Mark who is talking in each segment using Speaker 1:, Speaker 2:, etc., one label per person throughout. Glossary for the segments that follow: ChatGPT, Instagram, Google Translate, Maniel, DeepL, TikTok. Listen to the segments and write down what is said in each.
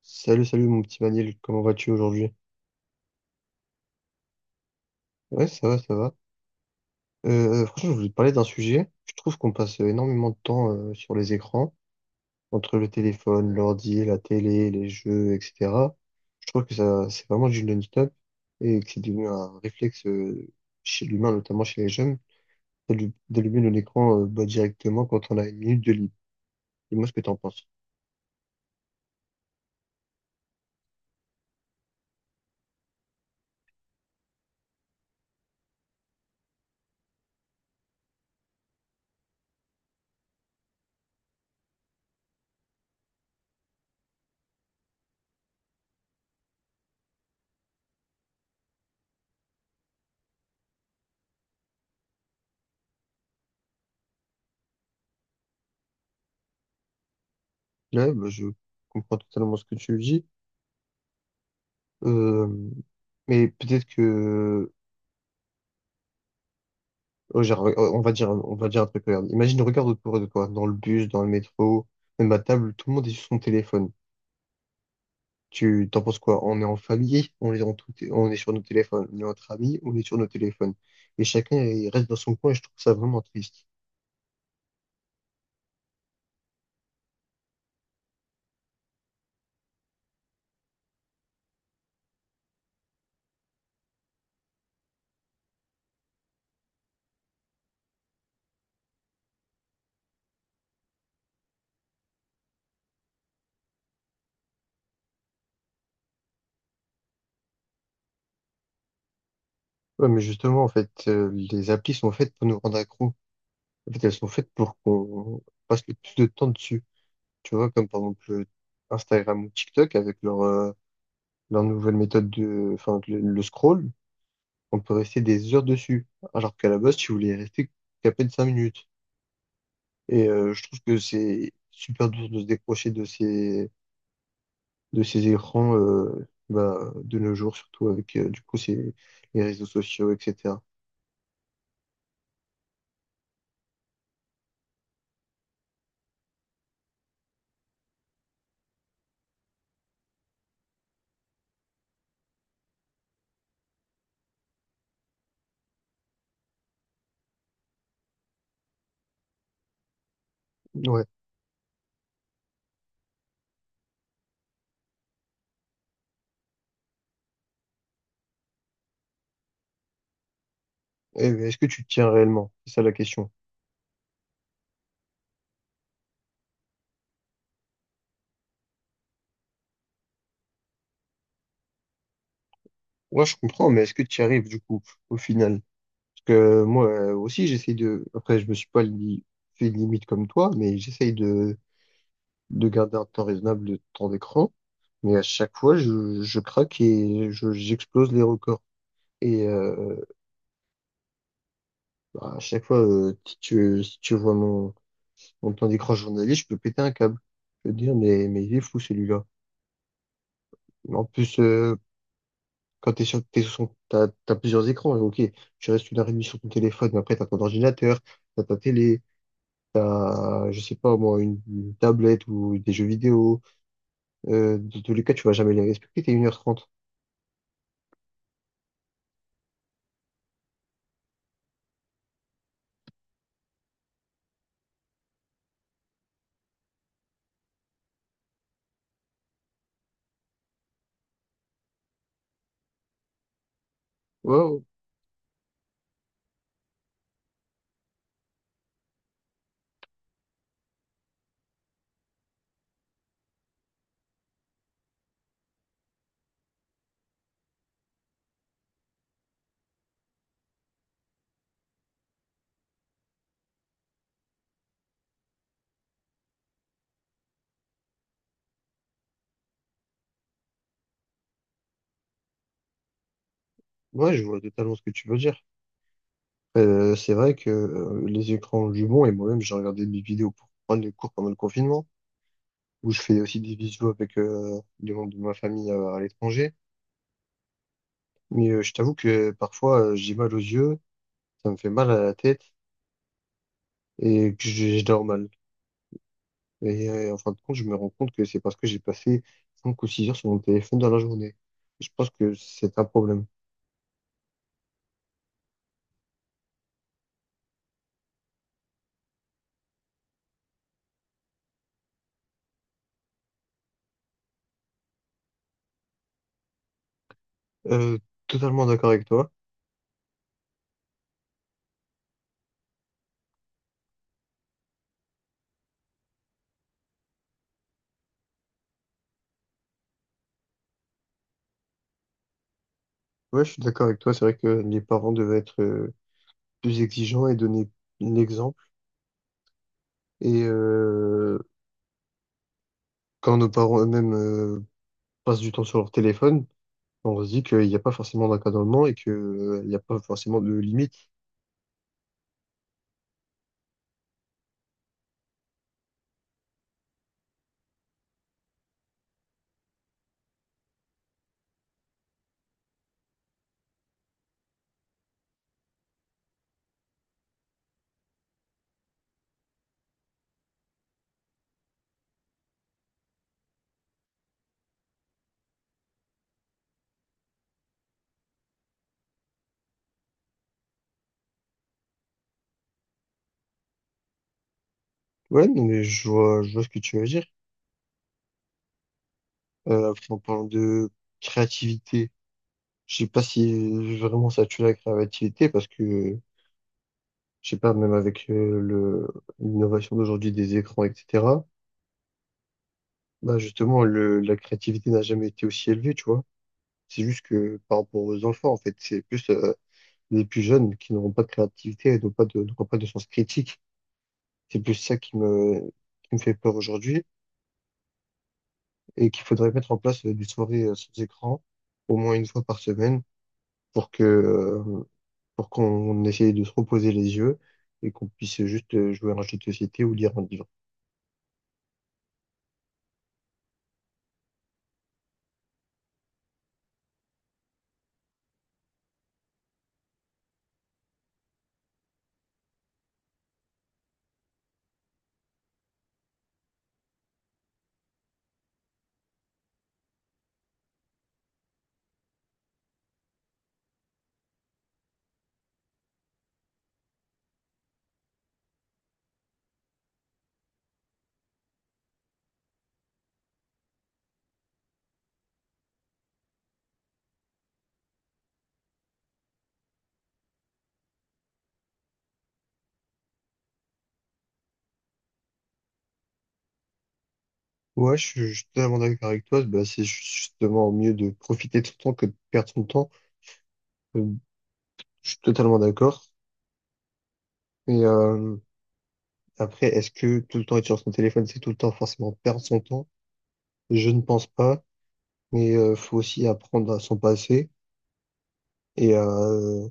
Speaker 1: Salut, salut mon petit Maniel, comment vas-tu aujourd'hui? Ouais, ça va, ça va. Franchement, je voulais te parler d'un sujet. Je trouve qu'on passe énormément de temps sur les écrans, entre le téléphone, l'ordi, la télé, les jeux, etc. Je trouve que ça, c'est vraiment du non-stop et que c'est devenu un réflexe chez l'humain, notamment chez les jeunes, d'allumer nos écrans bah, directement quand on a une minute de libre. Dis-moi ce que t'en penses. Là, bah, je comprends totalement ce que tu dis. Euh, mais peut-être que. Oh, genre, on va dire un truc, regarde. Imagine, regarde autour de toi, dans le bus, dans le métro, même à table, tout le monde est sur son téléphone. Tu t'en penses quoi? On est en famille, on est en tout, on est sur nos téléphones. On est entre amis, on est sur nos téléphones. Et chacun il reste dans son coin et je trouve ça vraiment triste. Ouais, mais justement, en fait, les applis sont faites pour nous rendre accros. En fait, elles sont faites pour qu'on passe le plus de temps dessus. Tu vois, comme par exemple Instagram ou TikTok avec leur nouvelle méthode de, enfin, le scroll. On peut rester des heures dessus, alors qu'à la base, tu voulais y rester qu'à peine 5 minutes. Et je trouve que c'est super dur de se décrocher de ces écrans bah, de nos jours, surtout avec du coup les réseaux sociaux, etc. Ouais. Et est-ce que tu tiens réellement? C'est ça la question. Ouais, je comprends, mais est-ce que tu y arrives du coup au final? Parce que moi aussi, j'essaye de. Après, je me suis pas li- fait de limite comme toi, mais j'essaye de garder un temps raisonnable de temps d'écran. Mais à chaque fois, je craque et j'explose les records. Et bah, à chaque fois, si tu vois mon temps d'écran journalier, je peux péter un câble. Je peux te dire, mais il est fou celui-là. En plus, quand t'as plusieurs écrans, ok, tu restes une heure et demie sur ton téléphone, mais après t'as ton ordinateur, t'as ta télé, t'as, je sais pas moi, une tablette ou des jeux vidéo. De tous les cas, tu vas jamais les respecter, t'es une heure trente. Ouais, ouais, ouais, je vois totalement ce que tu veux dire. C'est vrai que les écrans ont du bon, et moi-même, j'ai regardé des vidéos pour prendre les cours pendant le confinement, où je fais aussi des visios avec des membres de ma famille à l'étranger. Mais je t'avoue que parfois, j'ai mal aux yeux, ça me fait mal à la tête, et que je dors mal. Et en fin de compte, je me rends compte que c'est parce que j'ai passé 5 ou 6 heures sur mon téléphone dans la journée. Je pense que c'est un problème. Euh, Totalement d'accord avec toi. Ouais, je suis d'accord avec toi. C'est vrai que les parents devaient être plus exigeants et donner l'exemple. Et quand nos parents eux-mêmes passent du temps sur leur téléphone, on se dit qu'il n'y a pas forcément d'encadrement et il n'y a pas forcément de limite. Ouais, non, mais je vois ce que tu veux dire. Après, en parlant de créativité. Je sais pas si vraiment ça tue la créativité parce que, je sais pas, même avec l'innovation d'aujourd'hui des écrans, etc., bah justement, la créativité n'a jamais été aussi élevée, tu vois. C'est juste que par rapport aux enfants, en fait, c'est plus les plus jeunes qui n'auront pas de créativité et n'auront pas de sens critique. C'est plus ça qui me fait peur aujourd'hui et qu'il faudrait mettre en place des soirées sans écran au moins une fois par semaine pour que, euh, pour qu'on essaye de se reposer les yeux et qu'on puisse juste jouer à un jeu de société ou lire un livre. Ouais, je suis totalement d'accord avec toi. Bah, c'est justement mieux de profiter de son temps que de perdre son temps. Euh, Je suis totalement d'accord. Et après, est-ce que tout le temps être sur son téléphone, c'est tout le temps forcément perdre son temps? Je ne pense pas. Mais faut aussi apprendre à s'en passer et, euh,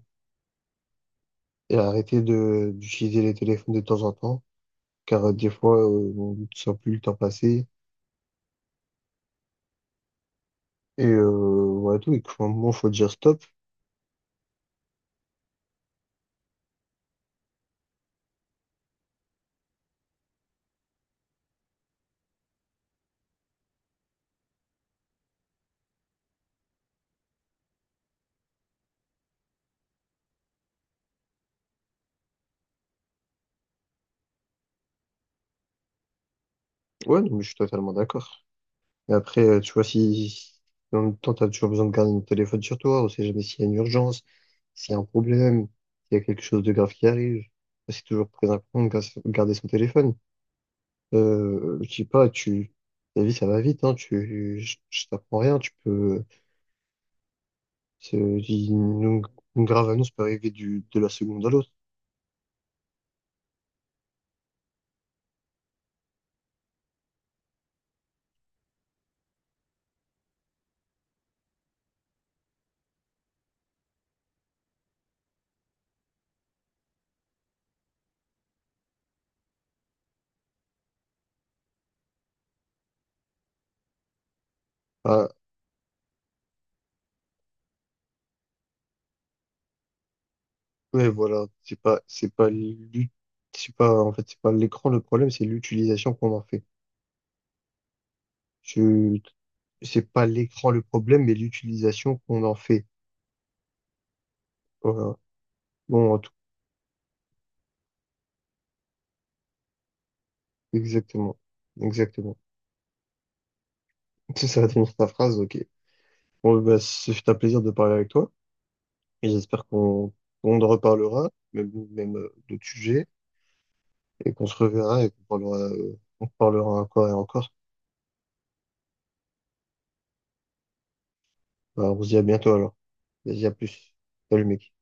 Speaker 1: et arrêter de d'utiliser les téléphones de temps en temps, car des fois, on ne sent plus le temps passer. Et ouais, tout, et qu'à un moment, faut dire stop. Ouais, non, mais je suis totalement d'accord. Et après, tu vois, si en même temps, t'as toujours besoin de garder le téléphone sur toi, on sait jamais s'il y a une urgence, s'il y a un problème, s'il y a quelque chose de grave qui arrive. Bah, c'est toujours très important de garder son téléphone. Je dis pas, la vie, ça va vite, hein, je t'apprends rien, tu peux, euh, c'est- une, une grave annonce peut arriver de la seconde à l'autre. Bah, ouais, voilà, c'est pas l'ut- c'est pas, en fait, c'est pas l'écran le problème, c'est l'utilisation qu'on en fait. Je, c'est pas l'écran le problème, mais l'utilisation qu'on en fait. Voilà. Bon, exactement. Exactement. C'est ça, c'est ta phrase, ok. Bon, bah, ce fut un plaisir de parler avec toi, et j'espère qu'on, qu'on en reparlera, même d'autres sujets, et qu'on se reverra et qu'on parlera, on parlera encore et encore. Bah, on se dit à bientôt alors. Vas-y, à plus. Salut, mec.